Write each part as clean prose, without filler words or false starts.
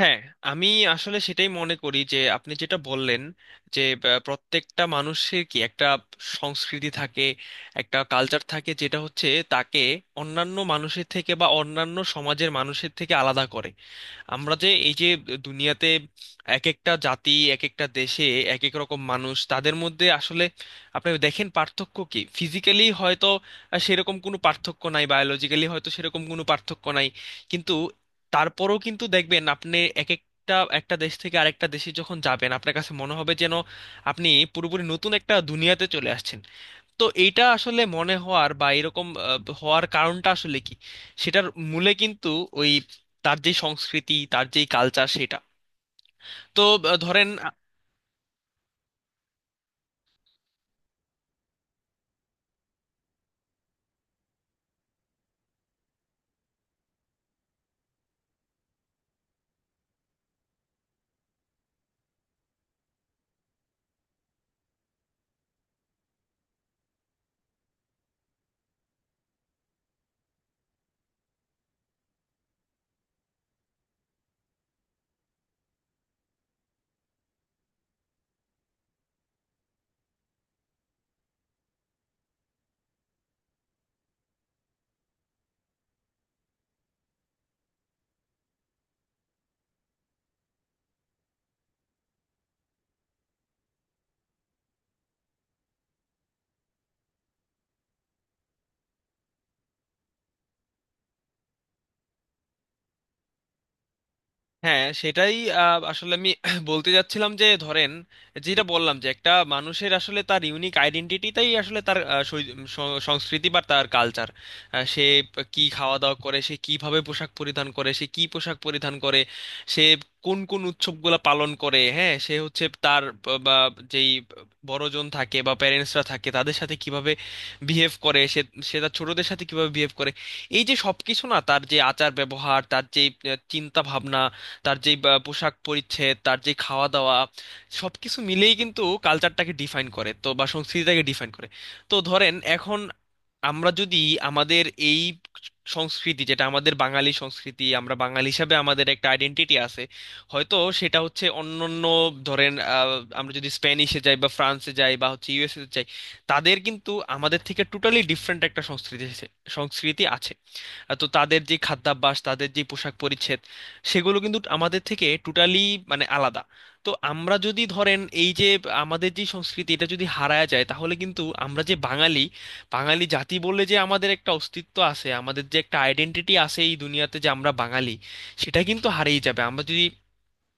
হ্যাঁ, আমি আসলে সেটাই মনে করি যে আপনি যেটা বললেন যে প্রত্যেকটা মানুষের কি একটা সংস্কৃতি থাকে, একটা কালচার থাকে, যেটা হচ্ছে তাকে অন্যান্য মানুষের থেকে বা অন্যান্য সমাজের মানুষের থেকে আলাদা করে। আমরা যে এই যে দুনিয়াতে এক একটা জাতি এক একটা দেশে এক এক রকম মানুষ, তাদের মধ্যে আসলে আপনি দেখেন পার্থক্য কি ফিজিক্যালি হয়তো সেরকম কোনো পার্থক্য নাই, বায়োলজিক্যালি হয়তো সেরকম কোনো পার্থক্য নাই, কিন্তু তারপরেও কিন্তু দেখবেন আপনি এক একটা একটা দেশ থেকে আরেকটা দেশে যখন যাবেন, আপনার কাছে মনে হবে যেন আপনি পুরোপুরি নতুন একটা দুনিয়াতে চলে আসছেন। তো এইটা আসলে মনে হওয়ার বা এরকম হওয়ার কারণটা আসলে কি, সেটার মূলে কিন্তু ওই তার যে সংস্কৃতি, তার যে কালচার, সেটা। তো ধরেন, হ্যাঁ সেটাই। আসলে আমি বলতে যাচ্ছিলাম যে ধরেন, যেটা বললাম যে একটা মানুষের আসলে তার ইউনিক আইডেন্টিটিটাই আসলে তার সংস্কৃতি বা তার কালচার। সে কি খাওয়া দাওয়া করে, সে কিভাবে পোশাক পরিধান করে, সে কি পোশাক পরিধান করে, সে কোন কোন উৎসবগুলো পালন করে, হ্যাঁ, সে হচ্ছে তার বা যেই বড়জন থাকে বা প্যারেন্টসরা থাকে তাদের সাথে কিভাবে বিহেভ করে, সে সে তার ছোটদের সাথে কিভাবে বিহেভ করে। এই যে সবকিছু না, তার যে আচার ব্যবহার, তার যে চিন্তা ভাবনা, তার যে বা, পোশাক পরিচ্ছদ, তার যে খাওয়া দাওয়া, সবকিছু মিলেই কিন্তু কালচারটাকে ডিফাইন করে তো, বা সংস্কৃতিটাকে ডিফাইন করে। তো ধরেন এখন আমরা যদি আমাদের এই সংস্কৃতি, যেটা আমাদের বাঙালি সংস্কৃতি, আমরা বাঙালি হিসাবে আমাদের একটা আইডেন্টিটি আছে, হয়তো সেটা হচ্ছে অন্যান্য, ধরেন আমরা যদি স্প্যানিশে যাই বা ফ্রান্সে যাই বা হচ্ছে ইউএসএ তে যাই, তাদের কিন্তু আমাদের থেকে টোটালি ডিফারেন্ট একটা সংস্কৃতি আছে। তো তাদের যে খাদ্যাভ্যাস, তাদের যে পোশাক পরিচ্ছদ, সেগুলো কিন্তু আমাদের থেকে টোটালি, মানে আলাদা। তো আমরা যদি ধরেন, এই যে আমাদের যে সংস্কৃতি এটা যদি হারায় যায়, তাহলে কিন্তু আমরা যে বাঙালি, বাঙালি জাতি বলে যে আমাদের একটা অস্তিত্ব আছে, আমাদের যে একটা আইডেন্টিটি আছে এই দুনিয়াতে যে আমরা বাঙালি, সেটা কিন্তু হারিয়ে যাবে। আমরা যদি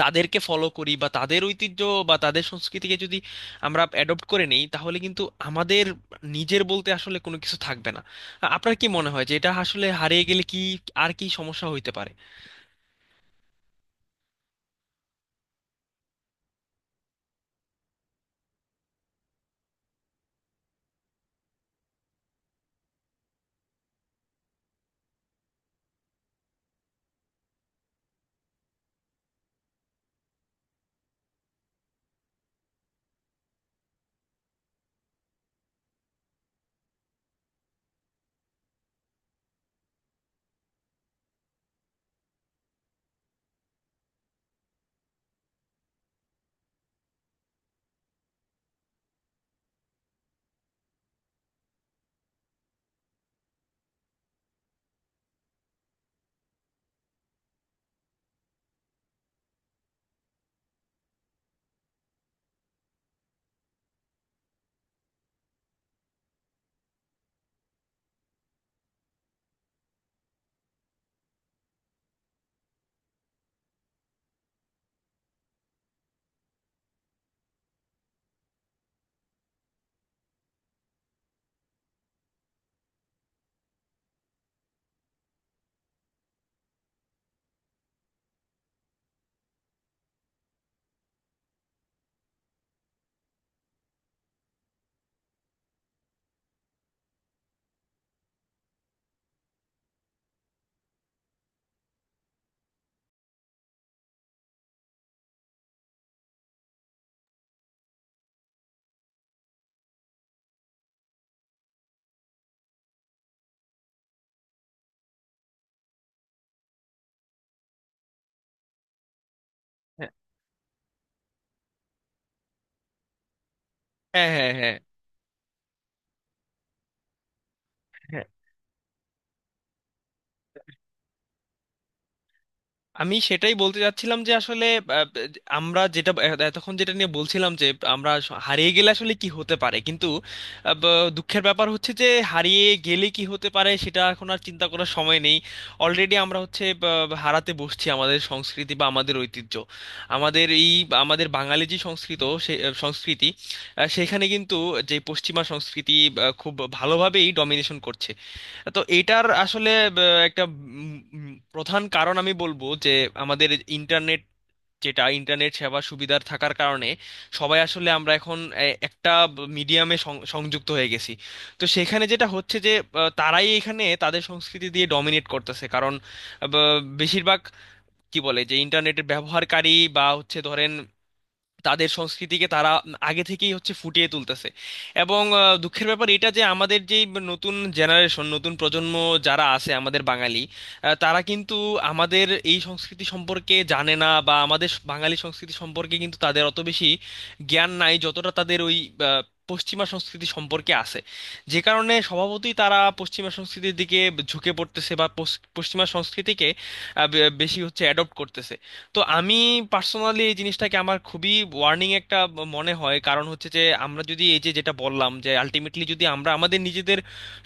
তাদেরকে ফলো করি বা তাদের ঐতিহ্য বা তাদের সংস্কৃতিকে যদি আমরা অ্যাডপ্ট করে নেই, তাহলে কিন্তু আমাদের নিজের বলতে আসলে কোনো কিছু থাকবে না। আপনার কি মনে হয় যে এটা আসলে হারিয়ে গেলে কি, আর কি সমস্যা হইতে পারে? হ্যাঁ, হ্যাঁ, হ্যাঁ। হ্যাঁ, আমি সেটাই বলতে চাচ্ছিলাম যে আসলে আহ, আমরা যেটা এতক্ষণ যেটা নিয়ে বলছিলাম যে আমরা হারিয়ে গেলে আসলে কি হতে পারে, কিন্তু দুঃখের ব্যাপার হচ্ছে যে হারিয়ে গেলে কি হতে পারে সেটা এখন আর চিন্তা করার সময় নেই। অলরেডি আমরা হচ্ছে হারাতে বসছি আমাদের সংস্কৃতি বা আমাদের ঐতিহ্য। আমাদের এই, আমাদের বাঙালি যে সংস্কৃত সে সংস্কৃতি, সেখানে কিন্তু যে পশ্চিমা সংস্কৃতি খুব ভালোভাবেই ডমিনেশন করছে। তো এটার আসলে একটা উম, উম, প্রধান কারণ আমি বলবো যে আমাদের ইন্টারনেট, যেটা ইন্টারনেট সেবা সুবিধার থাকার কারণে সবাই আসলে আমরা এখন একটা মিডিয়ামে সংযুক্ত হয়ে গেছি। তো সেখানে যেটা হচ্ছে যে তারাই এখানে তাদের সংস্কৃতি দিয়ে ডমিনেট করতেছে, কারণ বেশিরভাগ কি বলে যে ইন্টারনেটের ব্যবহারকারী বা হচ্ছে ধরেন তাদের সংস্কৃতিকে তারা আগে থেকেই হচ্ছে ফুটিয়ে তুলতেছে। এবং দুঃখের ব্যাপার এটা যে আমাদের যে নতুন জেনারেশন, নতুন প্রজন্ম যারা আছে আমাদের বাঙালি, তারা কিন্তু আমাদের এই সংস্কৃতি সম্পর্কে জানে না বা আমাদের বাঙালি সংস্কৃতি সম্পর্কে কিন্তু তাদের অত বেশি জ্ঞান নাই, যতটা তাদের ওই আহ, পশ্চিমা সংস্কৃতি সম্পর্কে আছে। যে কারণে স্বভাবতই তারা পশ্চিমা সংস্কৃতির দিকে ঝুঁকে পড়তেছে বা পশ্চিমা সংস্কৃতিকে বেশি হচ্ছে অ্যাডপ্ট করতেছে। তো আমি পার্সোনালি এই জিনিসটাকে আমার খুবই ওয়ার্নিং একটা মনে হয়, কারণ হচ্ছে যে আমরা যদি এই যে যেটা বললাম যে আলটিমেটলি যদি আমরা আমাদের নিজেদের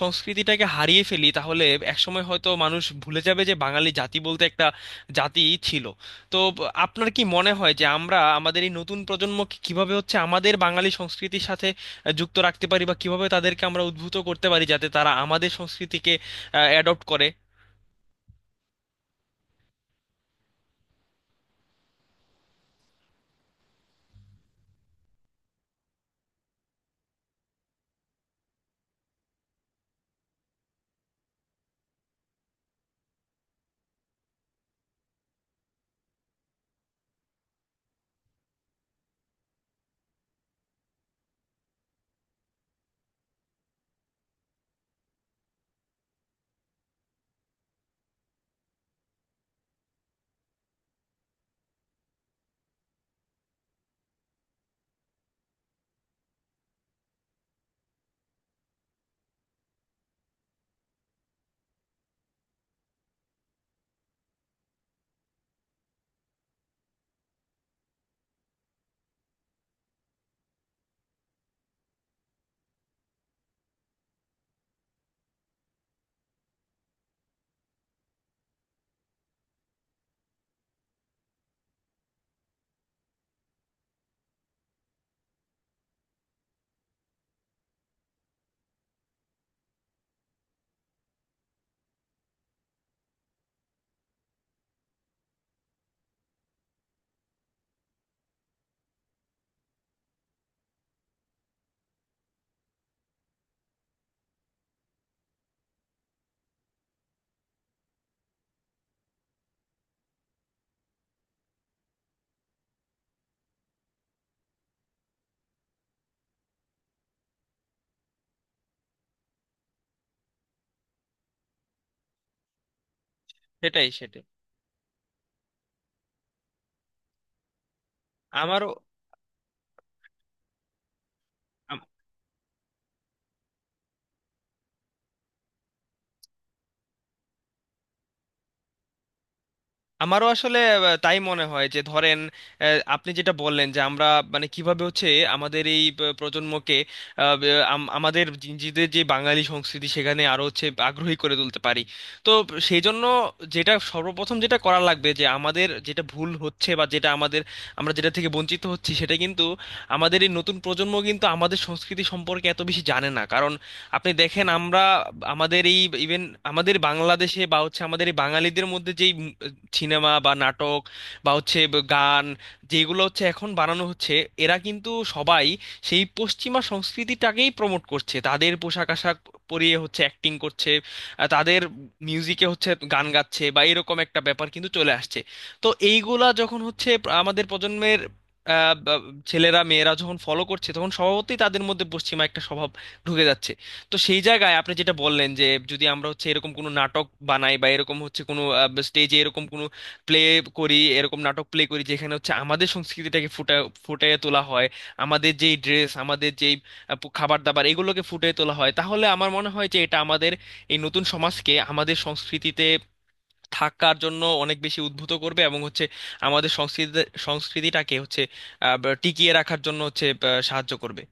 সংস্কৃতিটাকে হারিয়ে ফেলি, তাহলে একসময় হয়তো মানুষ ভুলে যাবে যে বাঙালি জাতি বলতে একটা জাতি ছিল। তো আপনার কি মনে হয় যে আমরা আমাদের এই নতুন প্রজন্মকে কিভাবে হচ্ছে আমাদের বাঙালি সংস্কৃতির সাথে যুক্ত রাখতে পারি বা কিভাবে তাদেরকে আমরা উদ্বুদ্ধ করতে পারি যাতে তারা আমাদের সংস্কৃতিকে অ্যাডপ্ট করে? সেটাই, সেটাই। আমারও, আমারও আসলে তাই মনে হয় যে ধরেন, আহ, আপনি যেটা বললেন যে আমরা, মানে কিভাবে হচ্ছে আমাদের এই প্রজন্মকে আমাদের নিজেদের যে বাঙালি সংস্কৃতি, সেখানে আরো হচ্ছে আগ্রহী করে তুলতে পারি। তো সেই জন্য যেটা সর্বপ্রথম যেটা করা লাগবে যে আমাদের যেটা ভুল হচ্ছে বা যেটা আমাদের, আমরা যেটা থেকে বঞ্চিত হচ্ছি সেটা কিন্তু, আমাদের এই নতুন প্রজন্ম কিন্তু আমাদের সংস্কৃতি সম্পর্কে এত বেশি জানে না, কারণ আপনি দেখেন আমরা আমাদের এই ইভেন, আমাদের বাংলাদেশে বা হচ্ছে আমাদের এই বাঙালিদের মধ্যে যেই সিনেমা বা নাটক বা হচ্ছে গান, যেগুলো হচ্ছে এখন বানানো হচ্ছে, এরা কিন্তু সবাই সেই পশ্চিমা সংস্কৃতিটাকেই প্রমোট করছে। তাদের পোশাক আশাক পরিয়ে হচ্ছে অ্যাক্টিং করছে, তাদের মিউজিকে হচ্ছে গান গাচ্ছে বা এরকম একটা ব্যাপার কিন্তু চলে আসছে। তো এইগুলা যখন হচ্ছে, আমাদের প্রজন্মের আহ, বা- ছেলেরা মেয়েরা যখন ফলো করছে, তখন স্বভাবতই তাদের মধ্যে পশ্চিমা একটা স্বভাব ঢুকে যাচ্ছে। তো সেই জায়গায় আপনি যেটা বললেন যে যদি আমরা হচ্ছে এরকম কোনো নাটক বানাই বা এরকম হচ্ছে কোনো স্টেজে এরকম কোনো প্লে করি, এরকম নাটক প্লে করি যেখানে হচ্ছে আমাদের সংস্কৃতিটাকে ফুটিয়ে তোলা হয়, আমাদের যেই ড্রেস, আমাদের যেই খাবার দাবার এগুলোকে ফুটিয়ে তোলা হয়, তাহলে আমার মনে হয় যে এটা আমাদের এই নতুন সমাজকে আমাদের সংস্কৃতিতে থাকার জন্য অনেক বেশি উদ্ভূত করবে এবং হচ্ছে আমাদের সংস্কৃতিটাকে হচ্ছে আহ, টিকিয়ে রাখার জন্য হচ্ছে সাহায্য করবে।